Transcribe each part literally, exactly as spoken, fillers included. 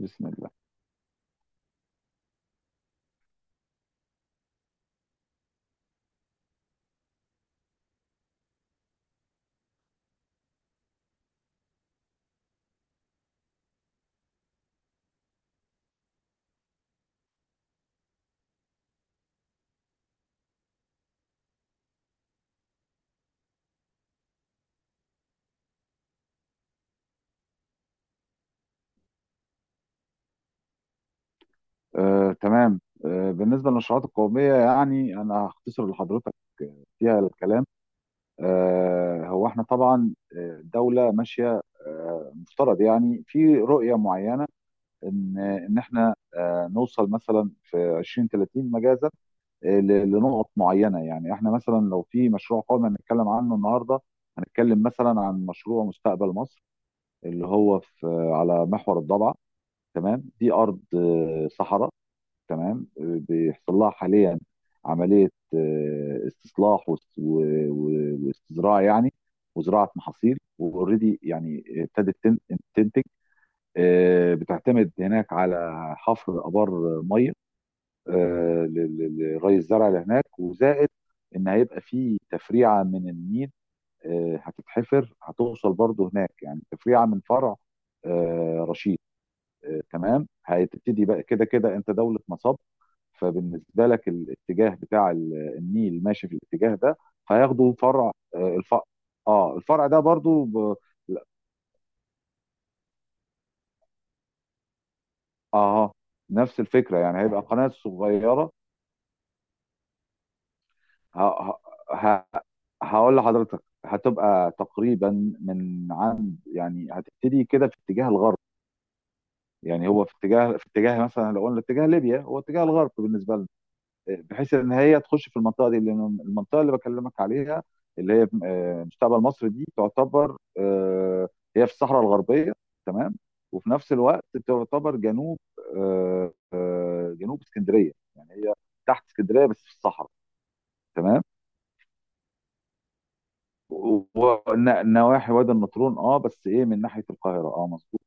بسم الله. آه، تمام. آه، بالنسبه للنشرات القوميه، يعني انا هختصر لحضرتك فيها الكلام. آه، هو احنا طبعا، آه، الدوله ماشيه، آه، مفترض يعني في رؤيه معينه، ان ان احنا آه، نوصل مثلا في ألفين وثلاثين مجازا آه، ل- لنقط معينه. يعني احنا مثلا لو في مشروع قومي هنتكلم عنه النهارده، هنتكلم مثلا عن مشروع مستقبل مصر اللي هو في على محور الضبعه. تمام، دي ارض آه، صحراء، تمام. آه، بيحصل لها حاليا عمليه آه، استصلاح و- و- و- وازراع يعني، وزراعه محاصيل، واوريدي يعني ابتدت تن- تنتج. آه، بتعتمد هناك على حفر ابار ميه، آه، ل- ل- لري الزرع اللي هناك، وزائد ان هيبقى في تفريعه من النيل آه، هتتحفر، هتوصل برضه هناك، يعني تفريعه من فرع آه، رشيد. آه، تمام، هتبتدي بقى كده كده انت دولة مصب، فبالنسبة لك الاتجاه بتاع ال- النيل ماشي في الاتجاه ده. هياخدوا فرع، آه، الفرع، اه الفرع ده برضو ب... لا، اه، نفس الفكرة، يعني هيبقى قناة صغيرة. ه... ه... ه- هقول لحضرتك هتبقى تقريبا من عند، يعني هتبتدي كده في اتجاه الغرب. يعني هو في اتجاه، في اتجاه مثلا لو قلنا اتجاه ليبيا، هو اتجاه الغرب بالنسبة. بحيث ان هي تخش في المنطقه دي، لان المنطقه اللي بكلمك عليها اللي هي آه، مستقبل مصر، دي تعتبر آه، هي في الصحراء الغربيه، تمام. وفي نفس الوقت تعتبر جنوب، آه، آه، جنوب اسكندريه، يعني هي تحت اسكندريه بس في الصحراء. تمام، ونواحي وادي النطرون، اه، بس ايه من ناحيه القاهره، اه مظبوط.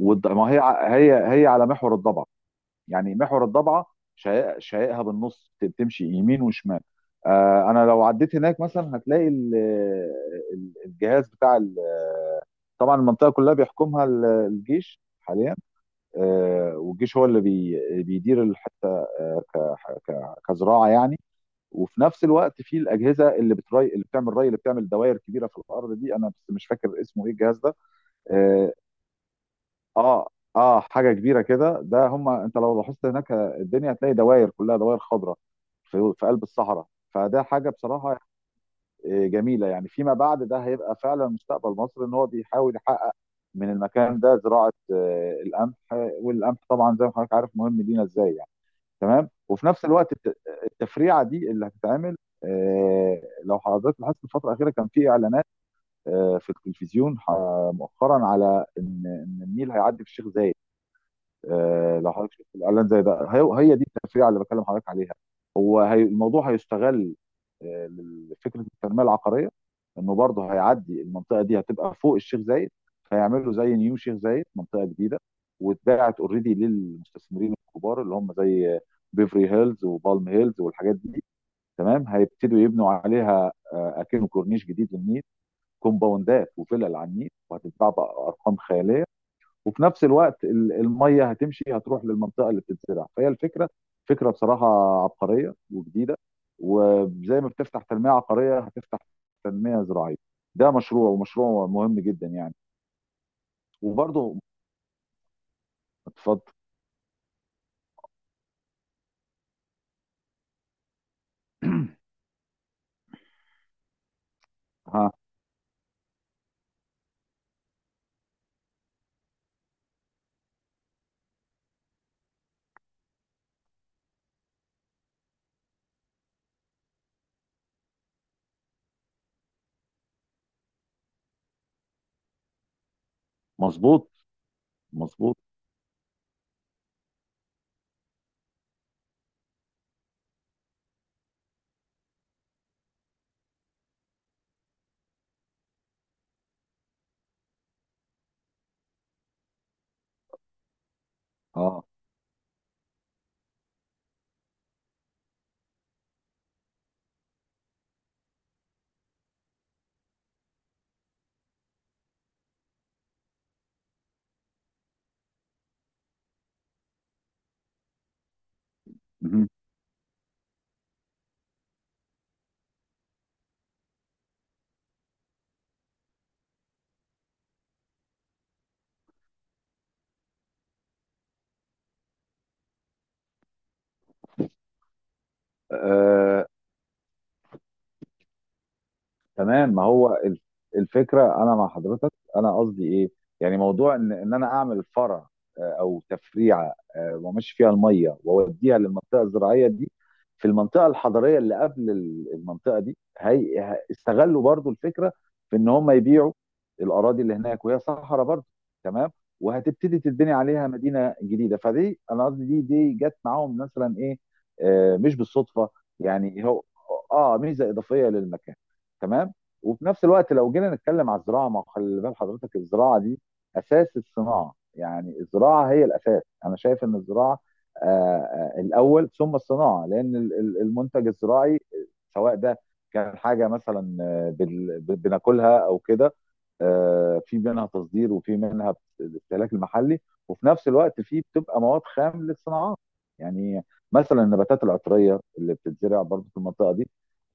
والض- ما هي ع- هي هي على محور الضبع، يعني محور الضبعه. شقائق شقائقها بالنص ت- بتمشي يمين وشمال. آه، انا لو عديت هناك مثلا هتلاقي ال- ال- الجهاز بتاع ال- طبعا المنطقه كلها بيحكمها ال- الجيش حاليا. آه، والجيش هو اللي بي- بيدير الحته آه، ك- ك- كزراعه يعني. وفي نفس الوقت في الاجهزه اللي بتري، اللي بتعمل ري، اللي بتعمل دوائر كبيره في الارض دي، انا بس مش فاكر اسمه ايه الجهاز ده. آه، اه اه، حاجه كبيره كده، ده هم انت لو لاحظت هناك الدنيا هتلاقي دوائر، كلها دوائر خضراء في في قلب الصحراء. فده حاجه بصراحه آه، جميله. يعني فيما بعد ده هيبقى فعلا مستقبل مصر، ان هو بيحاول يحقق من المكان ده زراعه آه، القمح. والقمح طبعا زي ما حضرتك عارف مهم لينا ازاي، يعني. تمام، وفي نفس الوقت الت- التفريعه دي اللي هتتعمل، آه، لو حضرتك لاحظت الفتره الاخيره كان في اعلانات آه، في التلفزيون آه، مؤخرا على ان إن النيل هيعدي في الشيخ زايد. آه، لو حضرتك شفت الاعلان زي ده، هي هي دي التفريعه اللي بكلم حضرتك عليها. هو هي الموضوع هيستغل آه، لفكره التنميه العقاريه، انه برضه هيعدي المنطقه دي هتبقى فوق الشيخ زايد، فيعملوا زي نيو شيخ زايد منطقه جديده. واتباعت اوريدي للمستثمرين الكبار اللي هم زي بيفري هيلز وبالم هيلز والحاجات دي. تمام، هيبتدوا يبنوا عليها آه، اكنه كورنيش جديد للنيل، كومباوندات وفلل على النيل، وهتتباع بارقام خياليه. وفي نفس الوقت ال- الميه هتمشي، هتروح للمنطقه اللي بتتزرع، فهي الفكره، فكره بصراحه عبقريه وجديده. وزي ما بتفتح تنميه عقاريه، هتفتح تنميه زراعيه. ده مشروع، ومشروع مهم جدا، يعني. وبرضه اتفضل. ها. مظبوط، مظبوط، اه، مهم. آه، تمام، ما هو الف- الفكره، انا مع حضرتك، انا قصدي ايه، يعني موضوع ان ان انا اعمل فرع آه، او تفريعه آه، وامشي فيها الميه واوديها للمنطقه الزراعيه دي. في المنطقه الحضريه اللي قبل ال- المنطقه دي، هي ه- استغلوا برضو الفكره في ان هم يبيعوا الاراضي اللي هناك وهي صحراء برضو، تمام. وهتبتدي تتبني عليها مدينه جديده، فدي انا قصدي دي دي جت معاهم مثلا ايه آه، مش بالصدفه. يعني هو اه ميزه اضافيه للمكان، تمام. وفي نفس الوقت لو جينا نتكلم على الزراعه، ما هو خلي بال حضرتك الزراعه دي اساس الصناعه، يعني الزراعه هي الاساس. انا شايف ان الزراعه آه، آه، الاول ثم الصناعه، لان ال- ال- المنتج الزراعي سواء ده كان حاجه مثلا آه، بال- ب- بناكلها او كده، آه، في منها تصدير، وفي منها بت- الاستهلاك المحلي، وفي نفس الوقت في بتبقى مواد خام للصناعات. يعني مثلا النباتات العطريه اللي بتتزرع برضه في المنطقه دي،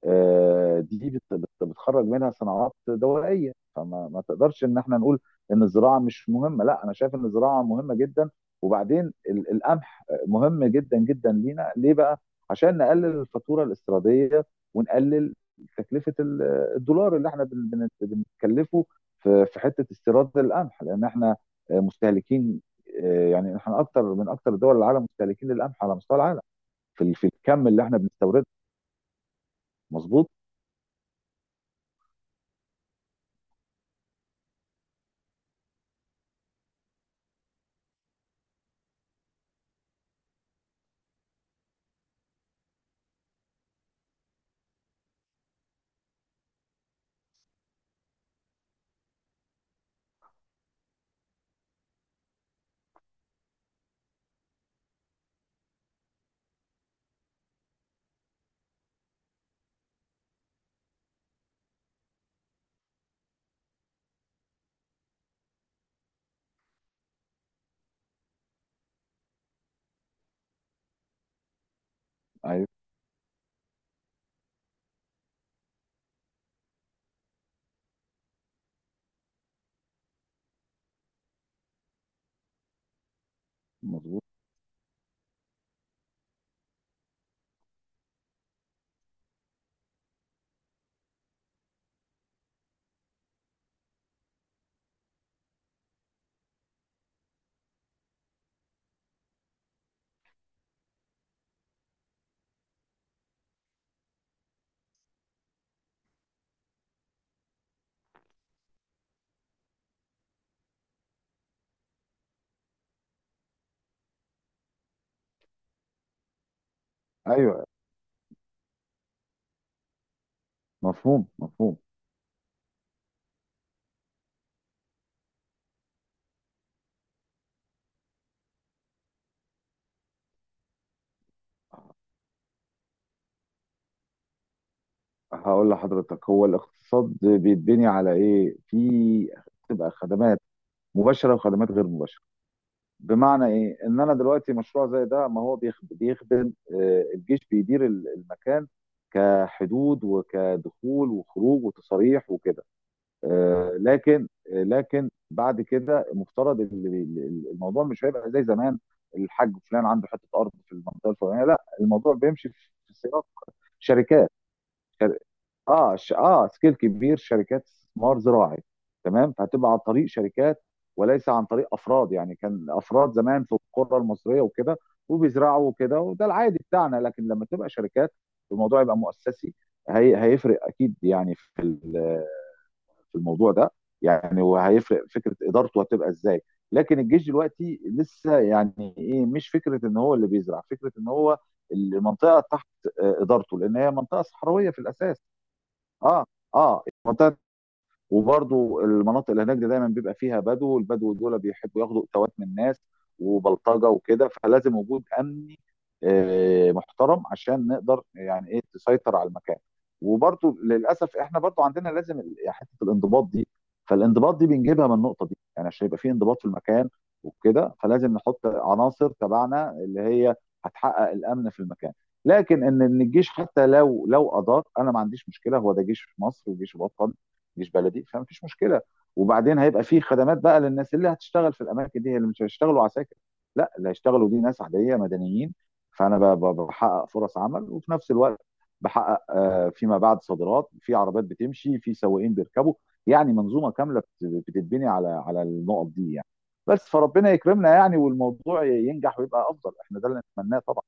آه، دي بت- بت- بتخرج منها صناعات دوائيه. فما ما تقدرش ان احنا نقول ان الزراعه مش مهمه، لا انا شايف ان الزراعه مهمه جدا. وبعدين ال- القمح مهم جدا جدا لينا ليه بقى؟ عشان نقلل الفاتوره الاستيراديه، ونقلل تكلفه ال- الدولار اللي احنا بن- بن- بنتكلفه في في حته استيراد القمح، لان احنا آه، مستهلكين آه، يعني احنا اكتر من اكتر دول العالم مستهلكين للقمح على مستوى العالم، في ال- في الكم اللي احنا بنستورده. مظبوط. ايوه، مظبوط. ايوه، مفهوم، مفهوم. هقول لحضرتك، هو الاقتصاد بيتبني على ايه، في بتبقى خدمات مباشره وخدمات غير مباشره. بمعنى ايه، ان انا دلوقتي مشروع زي ده، ما هو بيخدم, بيخدم آه، الجيش بيدير ال- المكان كحدود وكدخول وخروج وتصاريح وكده، آه، لكن آه، لكن بعد كده المفترض ال- ال- الموضوع مش هيبقى زي زمان، الحاج فلان عنده حته ارض في المنطقه الفلانيه، لا الموضوع بيمشي في في سياق شركات. اه ش... اه سكيل كبير، شركات استثمار زراعي، تمام. فهتبقى عن طريق شركات وليس عن طريق افراد. يعني كان افراد زمان في القرى المصريه وكده وبيزرعوا وكده، وده العادي بتاعنا، لكن لما تبقى شركات الموضوع يبقى مؤسسي. هي... هيفرق اكيد، يعني في ال- في الموضوع ده، يعني وهيفرق فكره ادارته هتبقى ازاي. لكن الجيش دلوقتي لسه يعني ايه، مش فكره ان هو اللي بيزرع، فكره ان هو المنطقه تحت آه، ادارته، لان هي منطقه صحراويه في الاساس. اه، اه، المنطقه. وبرضو المناطق اللي هناك دي دايما بيبقى فيها بدو، والبدو دول بيحبوا ياخدوا اتوات من الناس وبلطجه وكده، فلازم وجود امني آه، محترم عشان نقدر يعني ايه تسيطر على المكان. وبرضو للاسف احنا برضو عندنا لازم ال- يعني حته الانضباط دي، فالانضباط دي بنجيبها من النقطه دي، يعني عشان يبقى في انضباط في المكان وكده، فلازم نحط عناصر تبعنا اللي هي هتحقق الامن في المكان. لكن ان إن الجيش حتى لو لو ادار، انا ما عنديش مشكله، هو ده جيش في مصر وجيش وطني، جيش بلدي، فمفيش مشكله. وبعدين هيبقى في خدمات بقى للناس اللي هتشتغل في الاماكن دي، هي اللي مش هيشتغلوا عساكر، لا اللي هيشتغلوا دي ناس عاديه مدنيين. فانا ب- ب- بحقق فرص عمل، وفي نفس الوقت بحقق آه، فيما بعد صادرات، في عربيات بتمشي، في سواقين بيركبوا، يعني منظومه كامله بت- بتتبني على على النقط دي، يعني. بس فربنا يكرمنا يعني، والموضوع ينجح ويبقى افضل، احنا ده اللي نتمناه طبعا.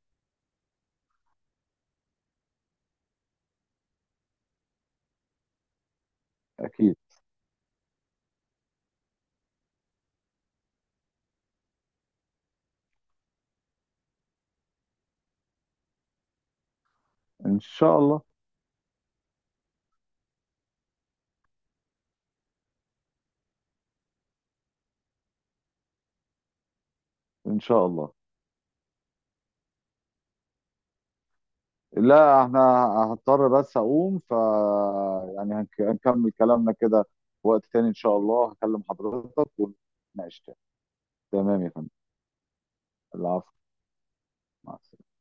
اكيد. ان شاء الله، ان شاء الله. لا احنا هضطر بس اقوم، ف يعني هنك- هنكمل كلامنا كده في وقت تاني، ان شاء الله هكلم حضرتك ونناقش تاني. تمام يا فندم. العفو، مع السلامة.